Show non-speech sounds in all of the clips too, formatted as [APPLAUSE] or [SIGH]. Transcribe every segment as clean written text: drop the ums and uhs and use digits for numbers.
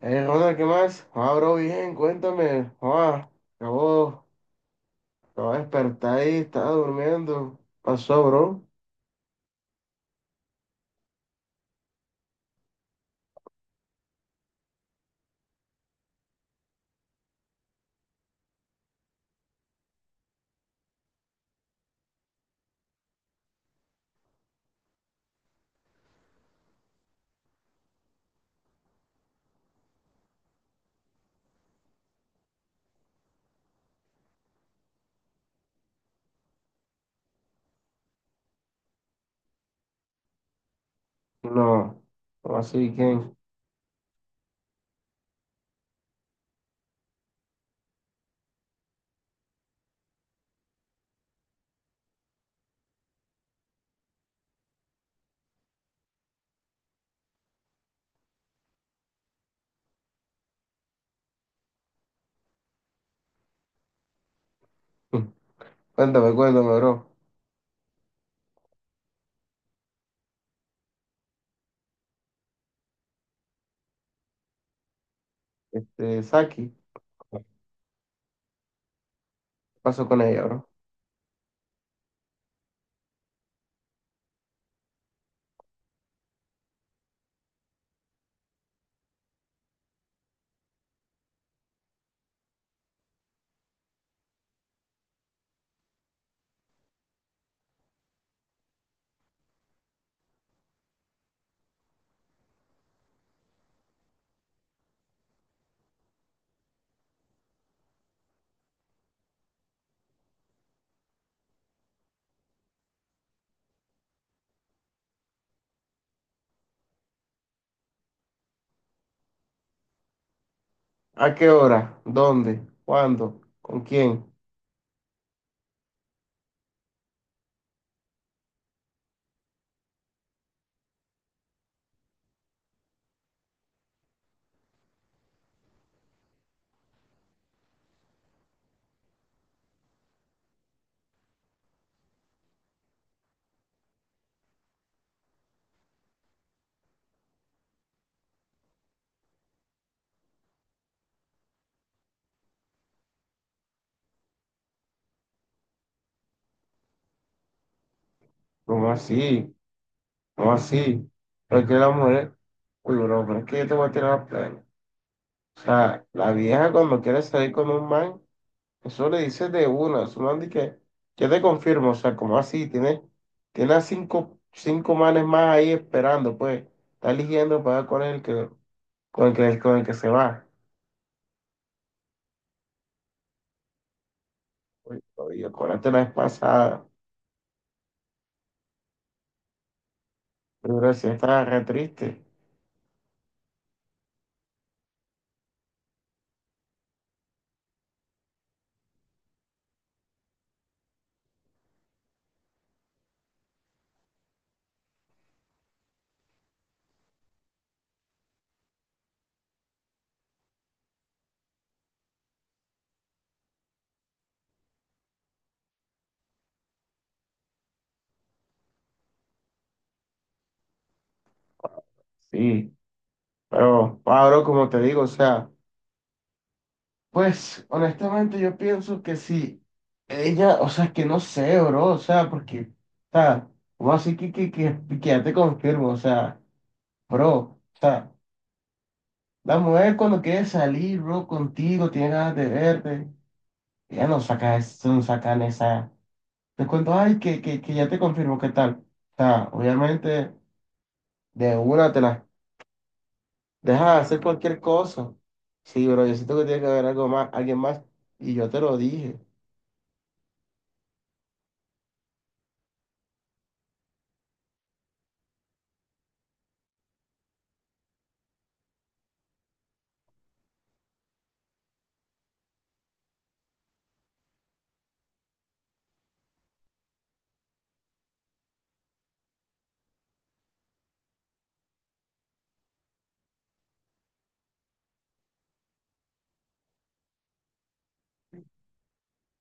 Ronald, ¿qué más? Ah, bro, bien, cuéntame. Acabo, Acabo de despertar, ahí estaba durmiendo. ¿Pasó, bro? No, no así, ¿quién? [LAUGHS] Cuéntame, cuéntame, bro. Este, Saki, ¿qué pasó con ella, bro? ¿A qué hora? ¿Dónde? ¿Cuándo? ¿Con quién? ¿Cómo así? ¿Cómo así? ¿Por qué la mujer? Uy, bro, pero es que yo te voy a tirar la plana. O sea, la vieja cuando quiere salir con un man. Eso le dice de una, eso no anda y que yo te confirmo, o sea, como así, tiene a cinco, cinco manes más ahí esperando, pues, está eligiendo para ver cuál es el con el que se va. Oye, oye, acuérdate la vez pasada, pero sí estaba re triste. Sí, pero Pablo, como te digo, o sea, pues, honestamente yo pienso que sí, ella, o sea, que no sé, bro, o sea, porque, o sea, como así que ya te confirmo, o sea, bro, o sea. La mujer cuando quiere salir, bro, contigo, tiene ganas de verte, ya no saca eso, no sacan esa. Te cuento, ay, que ya te confirmo qué tal. O sea, obviamente, de una te la deja hacer cualquier cosa. Sí, pero yo siento que tiene que haber algo más, alguien más. Y yo te lo dije.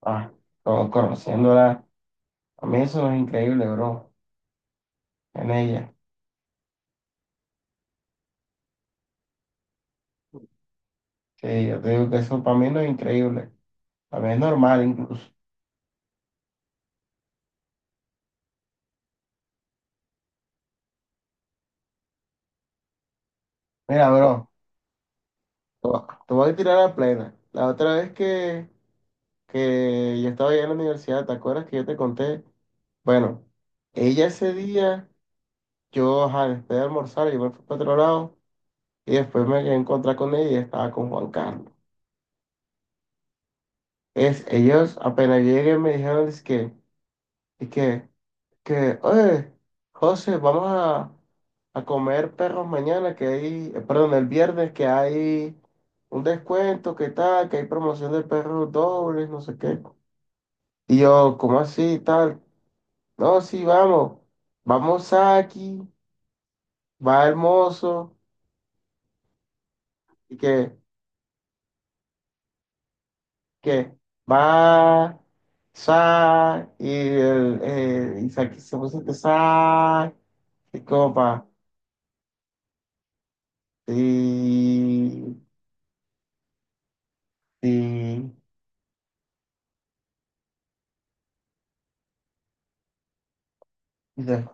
Ah, como conociéndola. A mí eso no es increíble, bro. En ella. Sí, yo te digo que eso para mí no es increíble. Para mí es normal incluso. Mira, bro, te voy a tirar a plena. La otra vez que yo estaba allá en la universidad, ¿te acuerdas que yo te conté? Bueno, ella ese día, yo, ajá, después de almorzar, yo me fui para otro lado y después me quedé a encontrar con ella y estaba con Juan Carlos. Es, ellos apenas llegué me dijeron es que, que, oye, José, vamos a comer perros mañana, que hay, perdón, el viernes que hay un descuento, que tal, que hay promoción de perros dobles, no sé qué. Y yo, ¿cómo así, tal? No, sí, vamos. Vamos aquí, va hermoso, y que, que, va, sa, y el, y sa- se puso este sa, y copa, y, y, y de-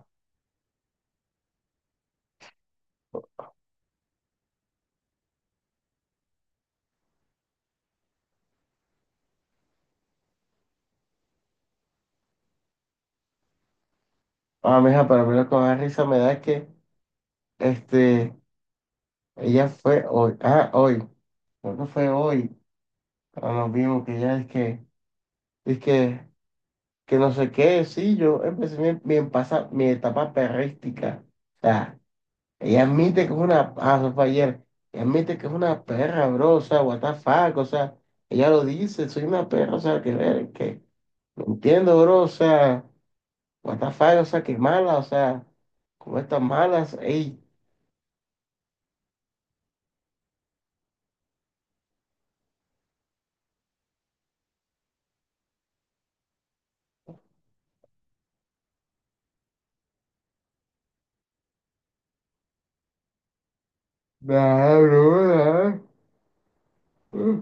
ah, mija, para mí lo que más risa me da es que, este, ella fue hoy, ah, hoy, creo que fue hoy, cuando nos vimos que ella es es que, que no sé qué, sí, yo empecé mi etapa perrística. O sea, ella admite que es una, ah, eso fue ayer, ella admite que es una perra, bro, o sea, what the fuck, o sea, ella lo dice, soy una perra, o sea, que ver, que no entiendo, bro, o sea, what the fuck, o sea, que mala, o sea, como estas malas, ey, nah, bro, nah, uh,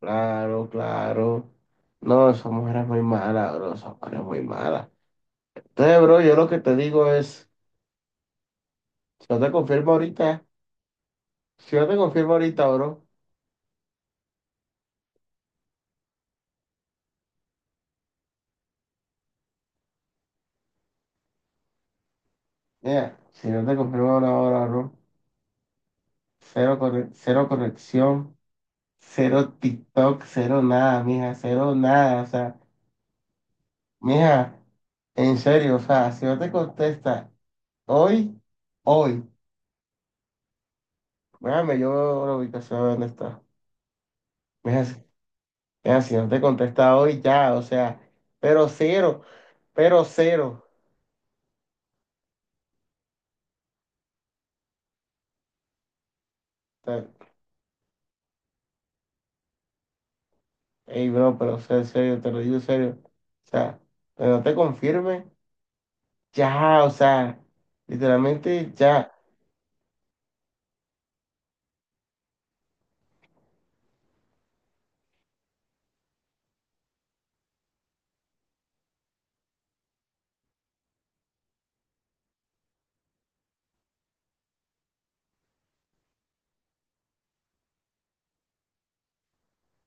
claro, claro. No, esa mujer es muy mala, bro, esa mujer es muy mala. Entonces, bro, yo lo que te digo es. Si no te confirmo ahorita, si no te confirmo ahorita, bro. Mira, si no te confirmo ahora, ahora, bro. Cero, cero corrección, cero TikTok, cero nada, mija, cero nada. O sea, mija, en serio, o sea, si no te contesta hoy, hoy, déjame yo veo la ubicación de dónde está. Mija, si mija, si no te contesta hoy, ya, o sea, pero cero, pero cero. O sea, ey, bro, pero o sea, en serio, te lo digo en serio. O sea, pero no te confirme. Ya, o sea, literalmente ya.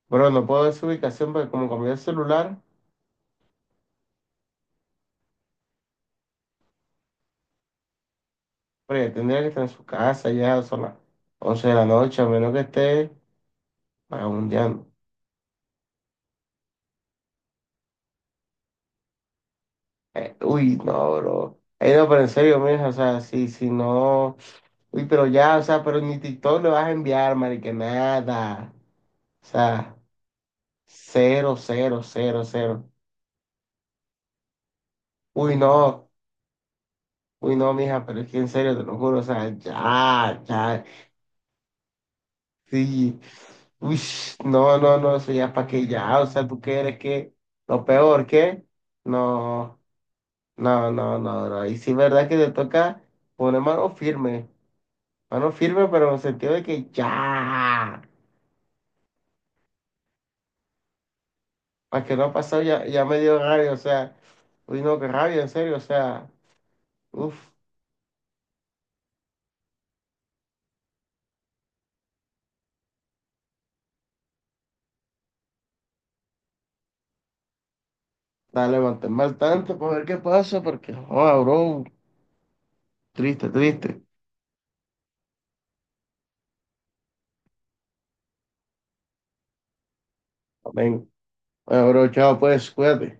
Bueno, no puedo ver su ubicación porque como cambié el celular, pero ya tendría que estar en su casa ya, son las 11 de la noche, a menos que esté vagabundeando. Uy, no, bro. No, pero en serio, mija, o sea, si no... Uy, pero ya, o sea, pero ni TikTok le vas a enviar, marica, nada. O sea, cero. Uy, no, uy, no, mija, pero es que en serio, te lo juro, o sea, ya, ya. Sí. Uy, no, no, no, eso ya para que ya, o sea, tú quieres que lo peor que, no, no, y sí verdad que te toca poner mano firme, pero en el sentido de que ya, para que no ha pasado, ya, ya me dio rabia, o sea, uy, no, qué rabia, en serio, o sea, uff, dale, manténme al tanto para ver qué pasa, porque, oh, bro, triste, triste. Amén. Bueno, bro, chao, pues, cuídate.